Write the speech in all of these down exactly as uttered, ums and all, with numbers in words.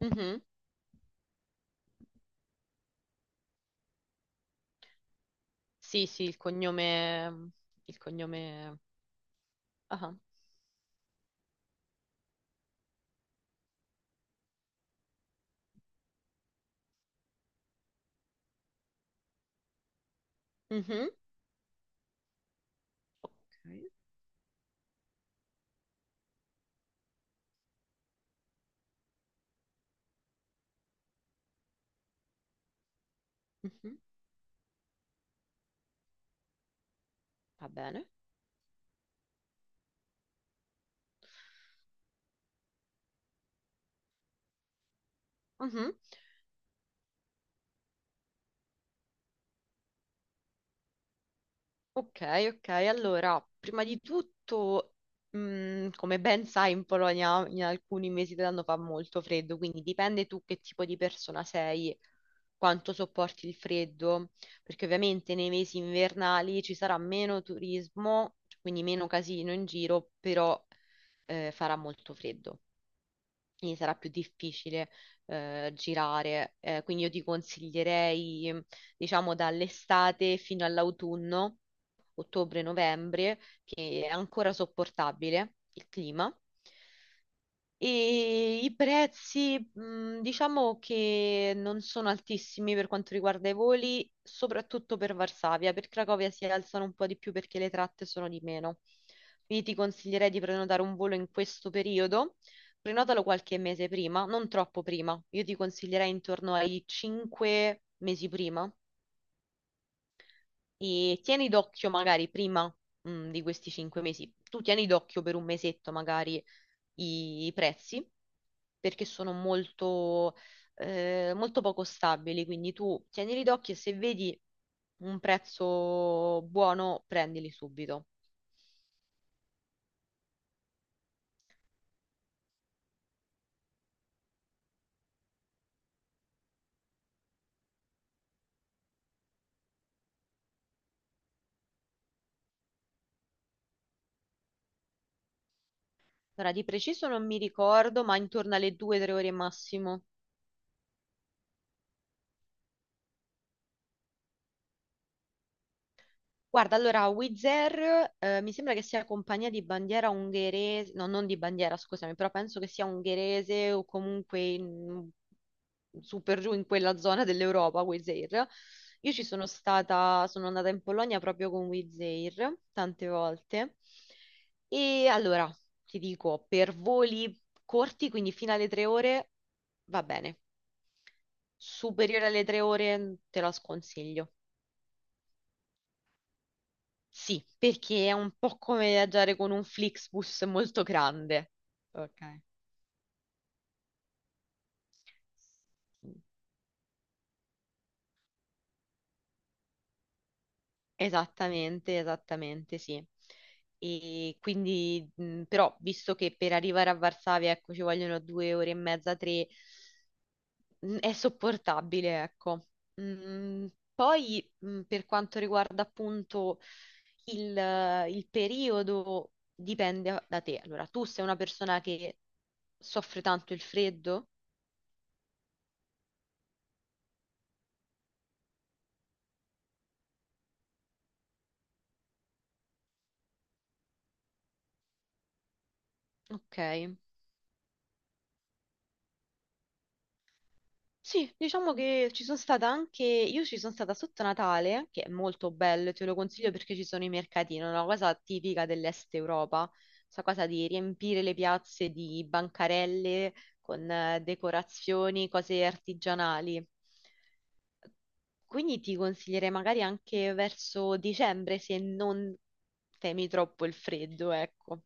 Mhm. Sì, sì, il cognome. Il cognome. Ah, mhm, ok, mhm, va bene. Mhm. Ok, ok. Allora, prima di tutto, mh, come ben sai, in Polonia in alcuni mesi dell'anno fa molto freddo, quindi dipende tu che tipo di persona sei, quanto sopporti il freddo, perché ovviamente nei mesi invernali ci sarà meno turismo, quindi meno casino in giro, però eh, farà molto freddo. Quindi sarà più difficile eh, girare. Eh, quindi io ti consiglierei, diciamo, dall'estate fino all'autunno, ottobre-novembre, che è ancora sopportabile il clima. E i prezzi, mh, diciamo che non sono altissimi per quanto riguarda i voli, soprattutto per Varsavia. Per Cracovia si alzano un po' di più perché le tratte sono di meno. Quindi ti consiglierei di prenotare un volo in questo periodo. Prenotalo qualche mese prima, non troppo prima. Io ti consiglierei intorno ai cinque mesi prima. E tieni d'occhio magari prima, mm, di questi cinque mesi, tu tieni d'occhio per un mesetto magari i, i prezzi, perché sono molto, eh, molto poco stabili, quindi tu tienili d'occhio e se vedi un prezzo buono, prendili subito. Ora, di preciso non mi ricordo, ma intorno alle due o tre ore massimo. Guarda, allora, Wizz Air, eh, mi sembra che sia compagnia di bandiera ungherese, no, non di bandiera, scusami, però penso che sia ungherese o comunque in- su per giù in quella zona dell'Europa, Wizz Air. Io ci sono stata, sono andata in Polonia proprio con Wizz Air tante volte. E allora, ti dico, per voli corti, quindi fino alle tre ore, va bene. Superiore alle tre ore, te la sconsiglio. Sì, perché è un po' come viaggiare con un Flixbus molto grande. Ok. Esattamente, esattamente, sì. E quindi, mh, però, visto che per arrivare a Varsavia, ecco, ci vogliono due ore e mezza, tre, mh, è sopportabile, ecco. Mm, poi, mh, per quanto riguarda appunto il, il periodo, dipende da te. Allora, tu sei una persona che soffre tanto il freddo? Ok. Sì, diciamo che ci sono stata anche, io ci sono stata sotto Natale, che è molto bello, te lo consiglio perché ci sono i mercatini, è una cosa tipica dell'Est Europa, questa cosa di riempire le piazze di bancarelle con eh, decorazioni, cose artigianali. Quindi ti consiglierei magari anche verso dicembre se non temi troppo il freddo, ecco.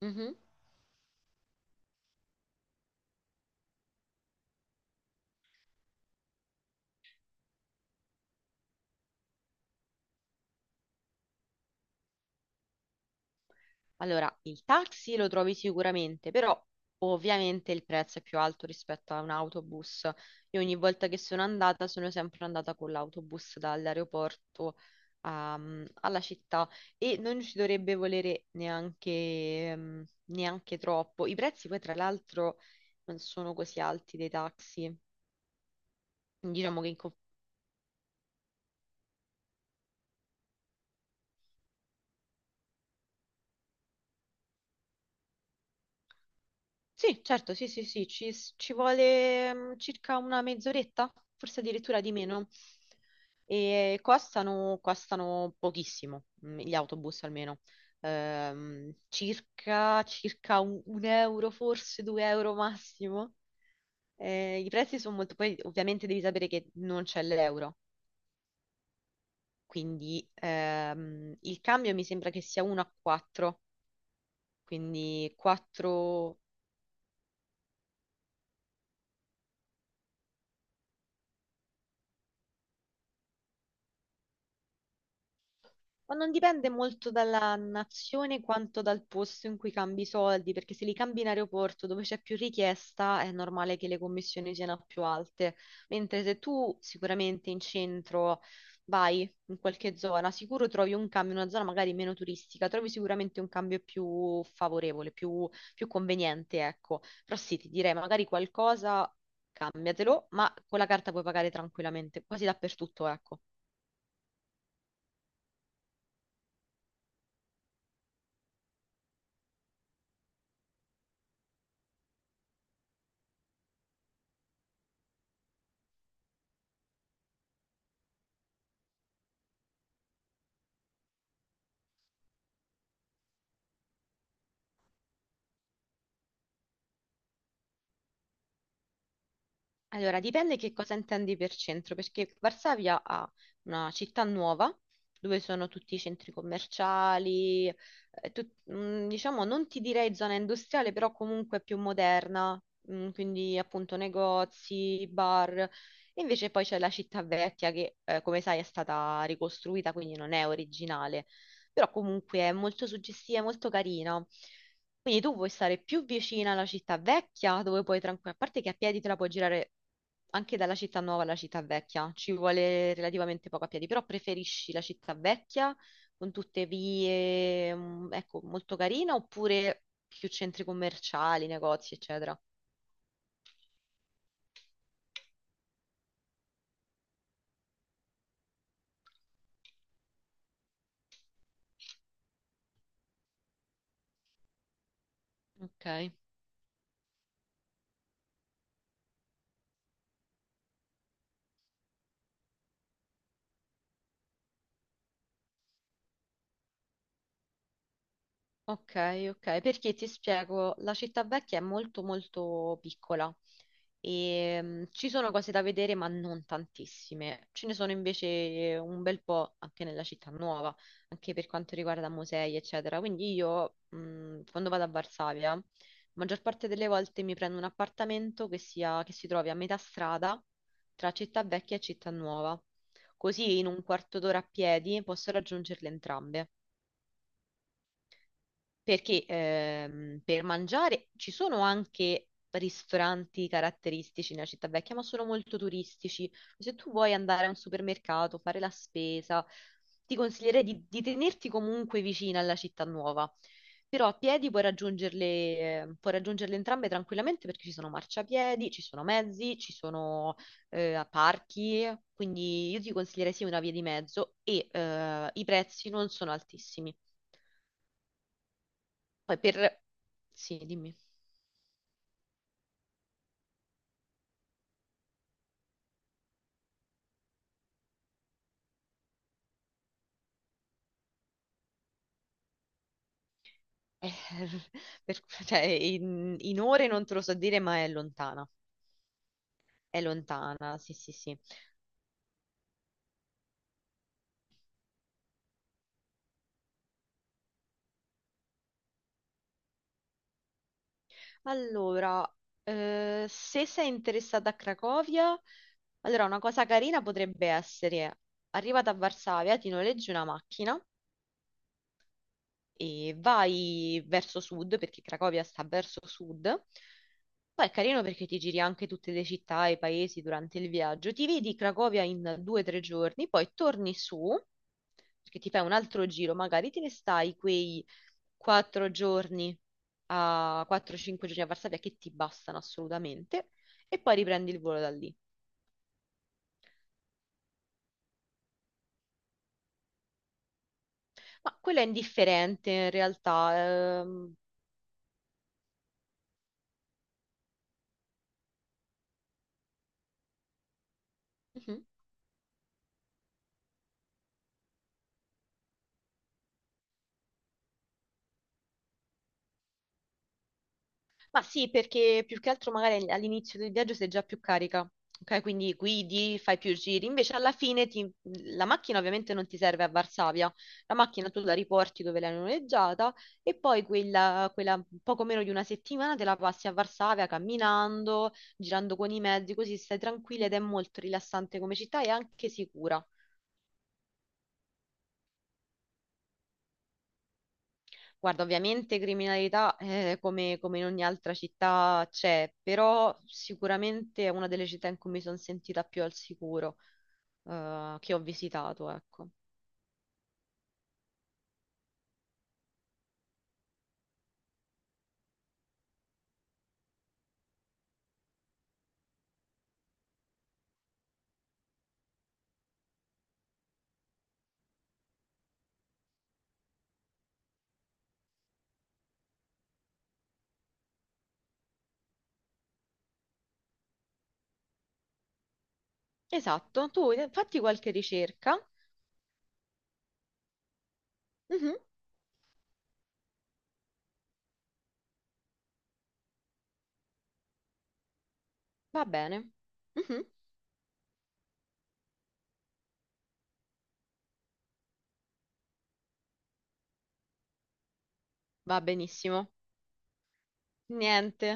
Mhm. Allora, il taxi lo trovi sicuramente, però ovviamente il prezzo è più alto rispetto a un autobus. Io ogni volta che sono andata sono sempre andata con l'autobus dall'aeroporto ehm, alla città e non ci dovrebbe volere neanche, ehm, neanche troppo. I prezzi poi tra l'altro non sono così alti dei taxi. Diciamo che in Sì, certo, sì, sì, sì, ci, s- ci vuole mm, circa una mezz'oretta, forse addirittura di meno. E costano, costano pochissimo, mm, gli autobus almeno. Ehm, circa, circa un, un euro, forse due euro massimo. Eh, I prezzi sono molto. Poi ovviamente devi sapere che non c'è l'euro, quindi ehm, il cambio mi sembra che sia uno a quattro, quindi quattro. Ma non dipende molto dalla nazione quanto dal posto in cui cambi i soldi, perché se li cambi in aeroporto dove c'è più richiesta è normale che le commissioni siano più alte, mentre se tu sicuramente in centro vai in qualche zona, sicuro trovi un cambio in una zona magari meno turistica, trovi sicuramente un cambio più favorevole, più, più conveniente, ecco. Però sì, ti direi magari qualcosa cambiatelo, ma con la carta puoi pagare tranquillamente, quasi dappertutto, ecco. Allora, dipende che cosa intendi per centro, perché Varsavia ha una città nuova dove sono tutti i centri commerciali, eh, tut- mm, diciamo non ti direi zona industriale, però comunque più moderna, mm, quindi appunto negozi, bar. E Invece poi c'è la città vecchia che, eh, come sai, è stata ricostruita, quindi non è originale, però comunque è molto suggestiva, è molto carina. Quindi tu puoi stare più vicina alla città vecchia, dove puoi tranquilla, a parte che a piedi te la puoi girare anche dalla città nuova alla città vecchia, ci vuole relativamente poco a piedi, però preferisci la città vecchia con tutte vie, mm, ecco, molto carina, oppure più centri commerciali, negozi, eccetera. Ok. Ok, ok, perché ti spiego, la città vecchia è molto molto piccola e mm, ci sono cose da vedere ma non tantissime, ce ne sono invece un bel po' anche nella città nuova, anche per quanto riguarda musei eccetera, quindi io mm, quando vado a Varsavia, la maggior parte delle volte mi prendo un appartamento che sia, che si trovi a metà strada tra città vecchia e città nuova, così in un quarto d'ora a piedi posso raggiungerle entrambe. Perché ehm, per mangiare ci sono anche ristoranti caratteristici nella città vecchia, ma sono molto turistici. Se tu vuoi andare a un supermercato, fare la spesa, ti consiglierei di, di tenerti comunque vicina alla città nuova. Però a piedi puoi raggiungerle, eh, puoi raggiungerle entrambe tranquillamente perché ci sono marciapiedi, ci sono mezzi, ci sono eh, parchi, quindi io ti consiglierei sì una via di mezzo e eh, i prezzi non sono altissimi. Poi per. Sì, dimmi. Eh, per- cioè, in, in ore non te lo so dire, ma è lontana. È lontana, sì, sì, sì. Allora, eh, se sei interessata a Cracovia, allora una cosa carina potrebbe essere, arrivata a Varsavia, ti noleggi una macchina e vai verso sud, perché Cracovia sta verso sud. Poi è carino perché ti giri anche tutte le città e i paesi durante il viaggio. Ti vedi Cracovia in due o tre giorni, poi torni su, perché ti fai un altro giro, magari te ne stai quei quattro giorni a quattro o cinque giorni a Varsavia che ti bastano assolutamente, e poi riprendi il volo da lì. Ma quello è indifferente in realtà. Ehm, mhm. Ma sì, perché più che altro magari all'inizio del viaggio sei già più carica, ok? Quindi guidi, fai più giri, invece alla fine ti- la macchina ovviamente non ti serve a Varsavia, la macchina tu la riporti dove l'hai noleggiata e poi quella, quella poco meno di una settimana te la passi a Varsavia camminando, girando con i mezzi, così stai tranquilla ed è molto rilassante come città e anche sicura. Guarda, ovviamente criminalità eh, come, come in ogni altra città c'è, però sicuramente è una delle città in cui mi sono sentita più al sicuro eh, che ho visitato, ecco. Esatto, tu eh, fatti qualche ricerca. Mhm, va bene. Mhm, va benissimo. Niente.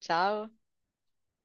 Ciao.